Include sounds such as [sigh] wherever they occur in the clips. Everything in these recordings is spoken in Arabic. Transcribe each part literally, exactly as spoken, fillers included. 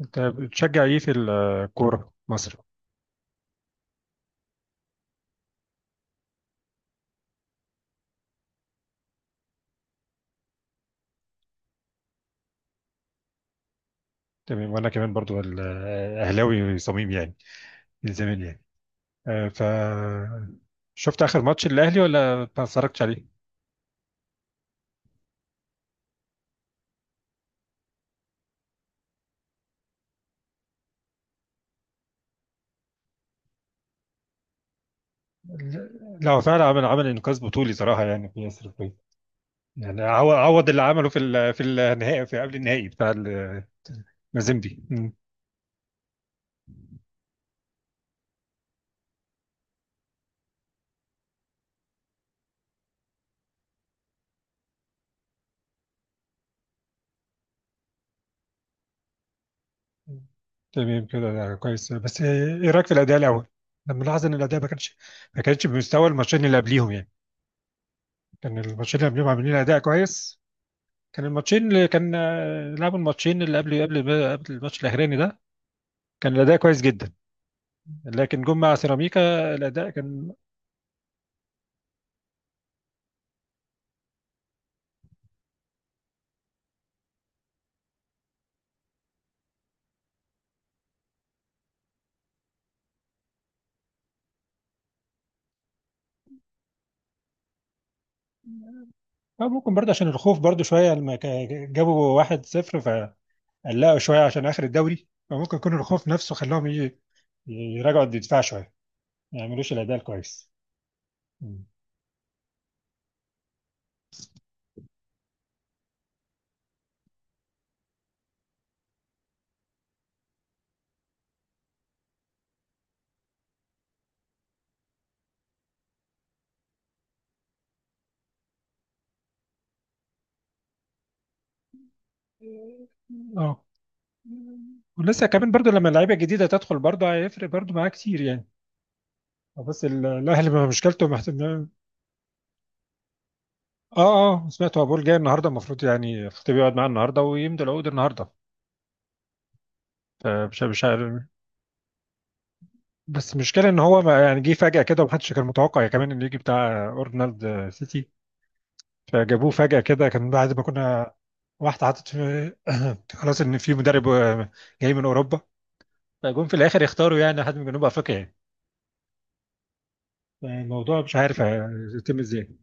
انت بتشجع ايه في الكوره مصر؟ تمام. وانا كمان برضو ال- اهلاوي صميم يعني، من زمان يعني. آه، ف شفت اخر ماتش الاهلي ولا ما اتفرجتش عليه؟ لا، لا، هو فعلا عمل عمل انقاذ بطولي صراحه يعني في ياسر الفيل. يعني عو- عوض اللي عمله في ال- في النهائي، في قبل النهائي بتاع المازيمبي. مم. تمام كده، ده كويس، بس ايه رايك في الاداء الاول؟ انا ملاحظ ان الاداء ما كانش، ما كانش بمستوى الماتشين اللي قبليهم يعني. كان الماتشين اللي قبليهم عاملين اداء كويس. كان الماتشين اللي كان، آه، لعبوا، الماتشين اللي قبل قبل قبل الماتش الاخراني ده كان الاداء كويس جدا. لكن جم مع سيراميكا الاداء كان. آه، ممكن برضه عشان الخوف برضه شويه لما كا- جابوا واحد صفر فقلقوا شويه عشان اخر الدوري، فممكن يكون الخوف نفسه خلاهم ي- يراجعوا الدفاع شويه، ما يعملوش الاداء الكويس. مم. اه، ولسه كمان برضو لما اللعيبه الجديده تدخل برضو هيفرق برضو معاه كتير يعني. بس ال- الاهلي ما مشكلته. اه. اه، سمعت، هو بول جاي النهارده، المفروض يعني الخطيب يقعد معاه النهارده ويمضي العقود النهارده، فمش مش عارف. بس المشكله ان هو ما يعني جه فجاه كده ومحدش كان متوقع يعني، كمان انه يجي بتاع اورنالد سيتي، فجابوه فجاه كده. كان بعد ما كنا واحده حاطط في [coughs] [clears throat] خلاص ان في مدرب آه، جاي من اوروبا، فجم في الاخر يختاروا يعني حد من جنوب افريقيا. يعني الموضوع مش عارف هيتم ازاي.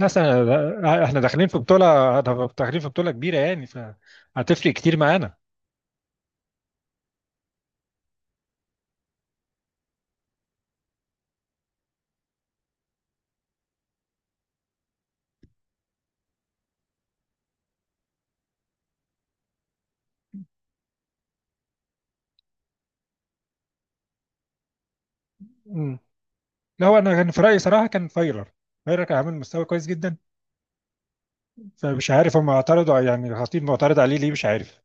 بس احنا داخلين في بطوله، داخلين في بطوله كبيره يعني، فهتفرق كتير معانا. لا، هو انا كان في رايي صراحه كان فايلر. فايلر كان عامل مستوى كويس جدا. فمش عارف هم اعترضوا على- يعني الخطيب معترض عليه ليه، مش عارف.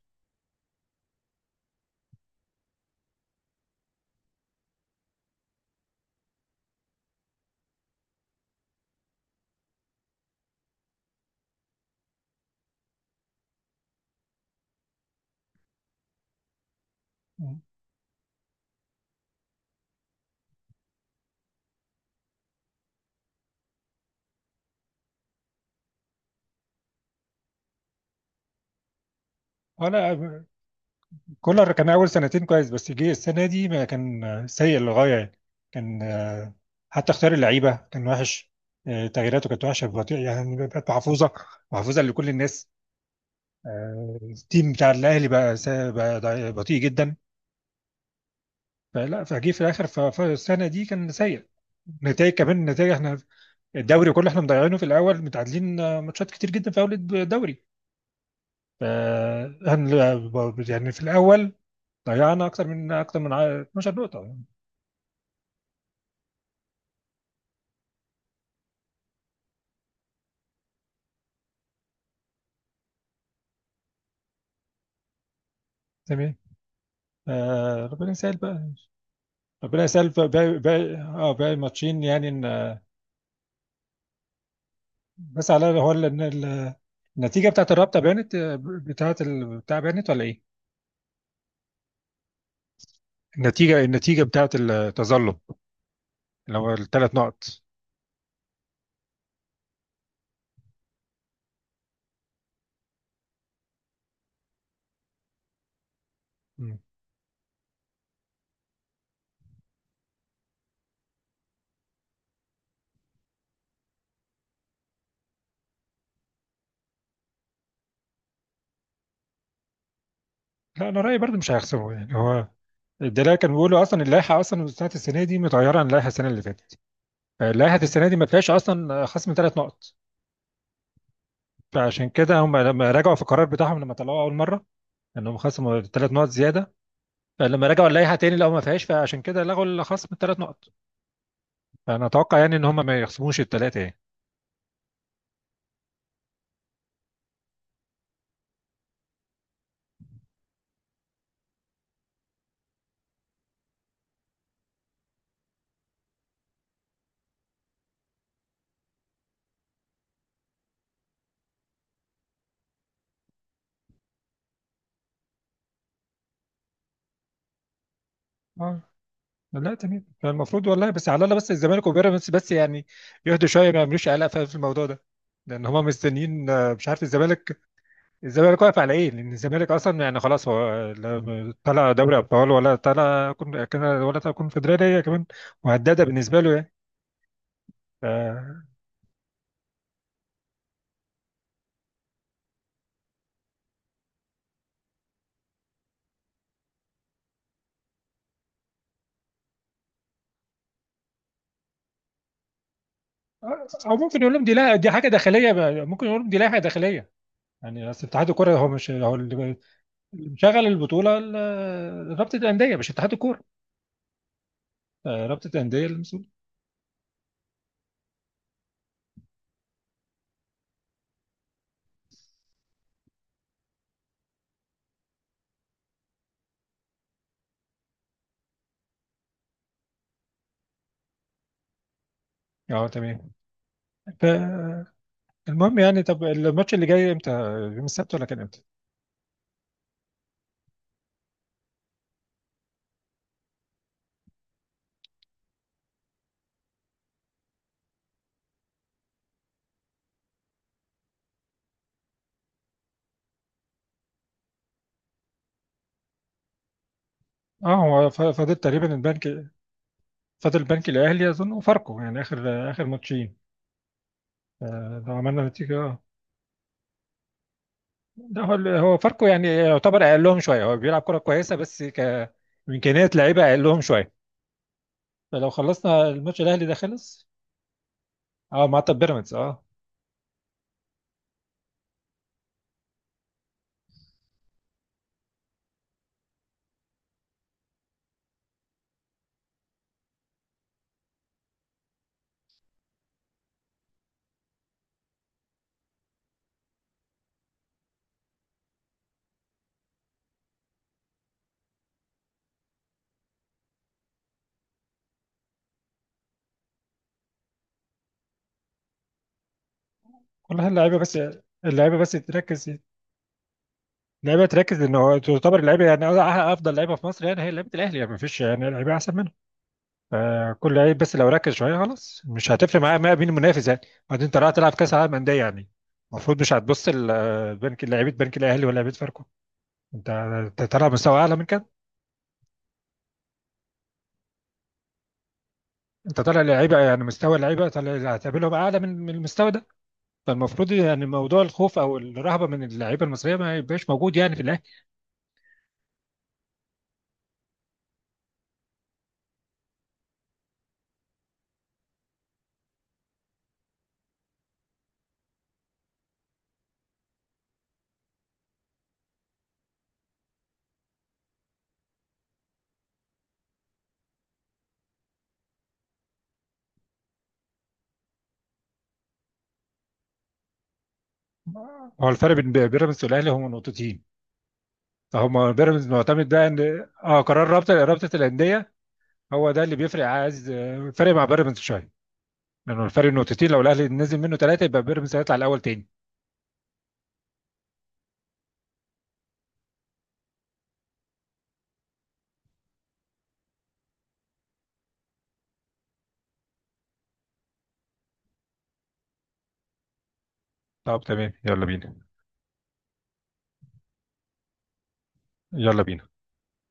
ولا، كولر كان اول سنتين كويس، بس جه السنه دي ما كان، سيء للغايه يعني. كان آه، حتى اختيار اللعيبه كان وحش. آه، تغييراته كانت وحشه، بطيء يعني، بقت محفوظه، محفوظه لكل الناس. آه، التيم بتاع الاهلي بقى سا- بقى ضع- بطيء جدا، فلا فجه في الاخر ف- فالسنه دي كان سيء. نتائج كمان، نتائج احنا الدوري كله احنا مضيعينه في الاول، متعادلين، آه، ماتشات كتير جدا في اول الدوري. فهن يعني في الاول ضيعنا اكتر من اكتر من ع- اثنا عشر نقطه يعني. تمام. آه، ربنا يسهل بقى. ربنا يسهل بقى، باقي باقي- اه باقي ماتشين يعني. إن- بس على هو ال- إن ال- النتيجه بتاعت الرابطه بانت، آه، بتاعت ال- بتاع بانت، ولا ايه؟ النتيجه النتيجه بتاعت التظلم، اللي هو الثلاث نقط. مم. لا، انا رايي برضه مش هيخسروا يعني. هو ده كان بيقولوا، اصلا اللائحه اصلا بتاعت السنه دي متغيره عن اللائحه السنه اللي فاتت، فلائحه السنه دي ما فيهاش اصلا خصم ثلاث نقط. فعشان كده هم لما راجعوا في القرار بتاعهم لما طلعوه اول مره انهم خصموا ثلاث نقط زياده، فلما رجعوا اللائحه تاني لقوا ما فيهاش، فعشان كده لغوا الخصم الثلاث نقط. فانا اتوقع يعني ان هم ما يخصموش الثلاثه يعني. اه. لا، تمام، فالمفروض والله، بس على الله، بس الزمالك وبيراميدز بس يعني يهدوا شويه، ما يعملوش قلق في الموضوع ده، لان هم مستنيين. آه، مش عارف الزمالك، الزمالك واقف على ايه؟ لان الزمالك اصلا يعني خلاص، هو لا طلع دوري ابطال، ولا طلع كن- كده- ولا طلع كونفدراليه كمان، وهداده بالنسبه له يعني. ف- او ممكن يقول لهم دي، لا دي حاجه داخليه بقى، ممكن يقول لهم دي لائحه داخليه. يعني اصل اتحاد الكوره هو مش هو اللي، اللي مشغل البطوله ال- رابطه الانديه، مش اتحاد الكوره. آه، رابطه الانديه المسؤول. اه، تمام، فالمهم يعني طب الماتش اللي جاي امتى؟ يوم السبت، ولا كان امتى؟ اه، هو ف- فاضل تقريبا البنك، فاضل البنك الاهلي اظن وفاركو يعني، اخر اخر ماتشين. آه، لو عملنا نتيجه. اه. لا، هو، هو فاركو يعني يعتبر اقلهم شويه، هو بيلعب كره كويسه، بس ك امكانيات لعيبه اقلهم شويه، فلو خلصنا الماتش الاهلي ده خلص. اه. مع طب بيراميدز. اه. كلها اللعيبه بس، اللعيبه بس تركز، اللعيبه تركز، ان هو تعتبر اللعيبه يعني افضل لعيبه في مصر يعني، هي لعيبه الاهلي يعني، ما فيش يعني لعيبه احسن منها. آه، كل لعيب بس لو ركز شويه خلاص، مش هتفرق معايا، معايا مين المنافس يعني. بعدين انت رايح تلعب كاس عالم انديه يعني، المفروض مش هتبص ال- آه، بنك لعيبه، بنك الاهلي ولا لعيبه فاركو. انت انت طالع مستوى اعلى من كده. انت طالع لعيبه، يعني مستوى اللعيبه طالع اللي هتقابلهم اعلى من من المستوى ده، فالمفروض يعني موضوع الخوف او الرهبه من اللعيبه المصريه ما يبقاش موجود يعني في الاهلي. هو الفرق بين بيراميدز والاهلي هم نقطتين، فهم بيراميدز معتمد بقى ان، اه قرار رابطه، رابطه الانديه، هو ده اللي بيفرق، عايز آه، فرق مع بيراميدز شويه، لأنه الفرق نقطتين، لو الاهلي نزل منه ثلاثه يبقى بيراميدز هيطلع الاول تاني. طب تمام، يلا بينا، يلا بينا.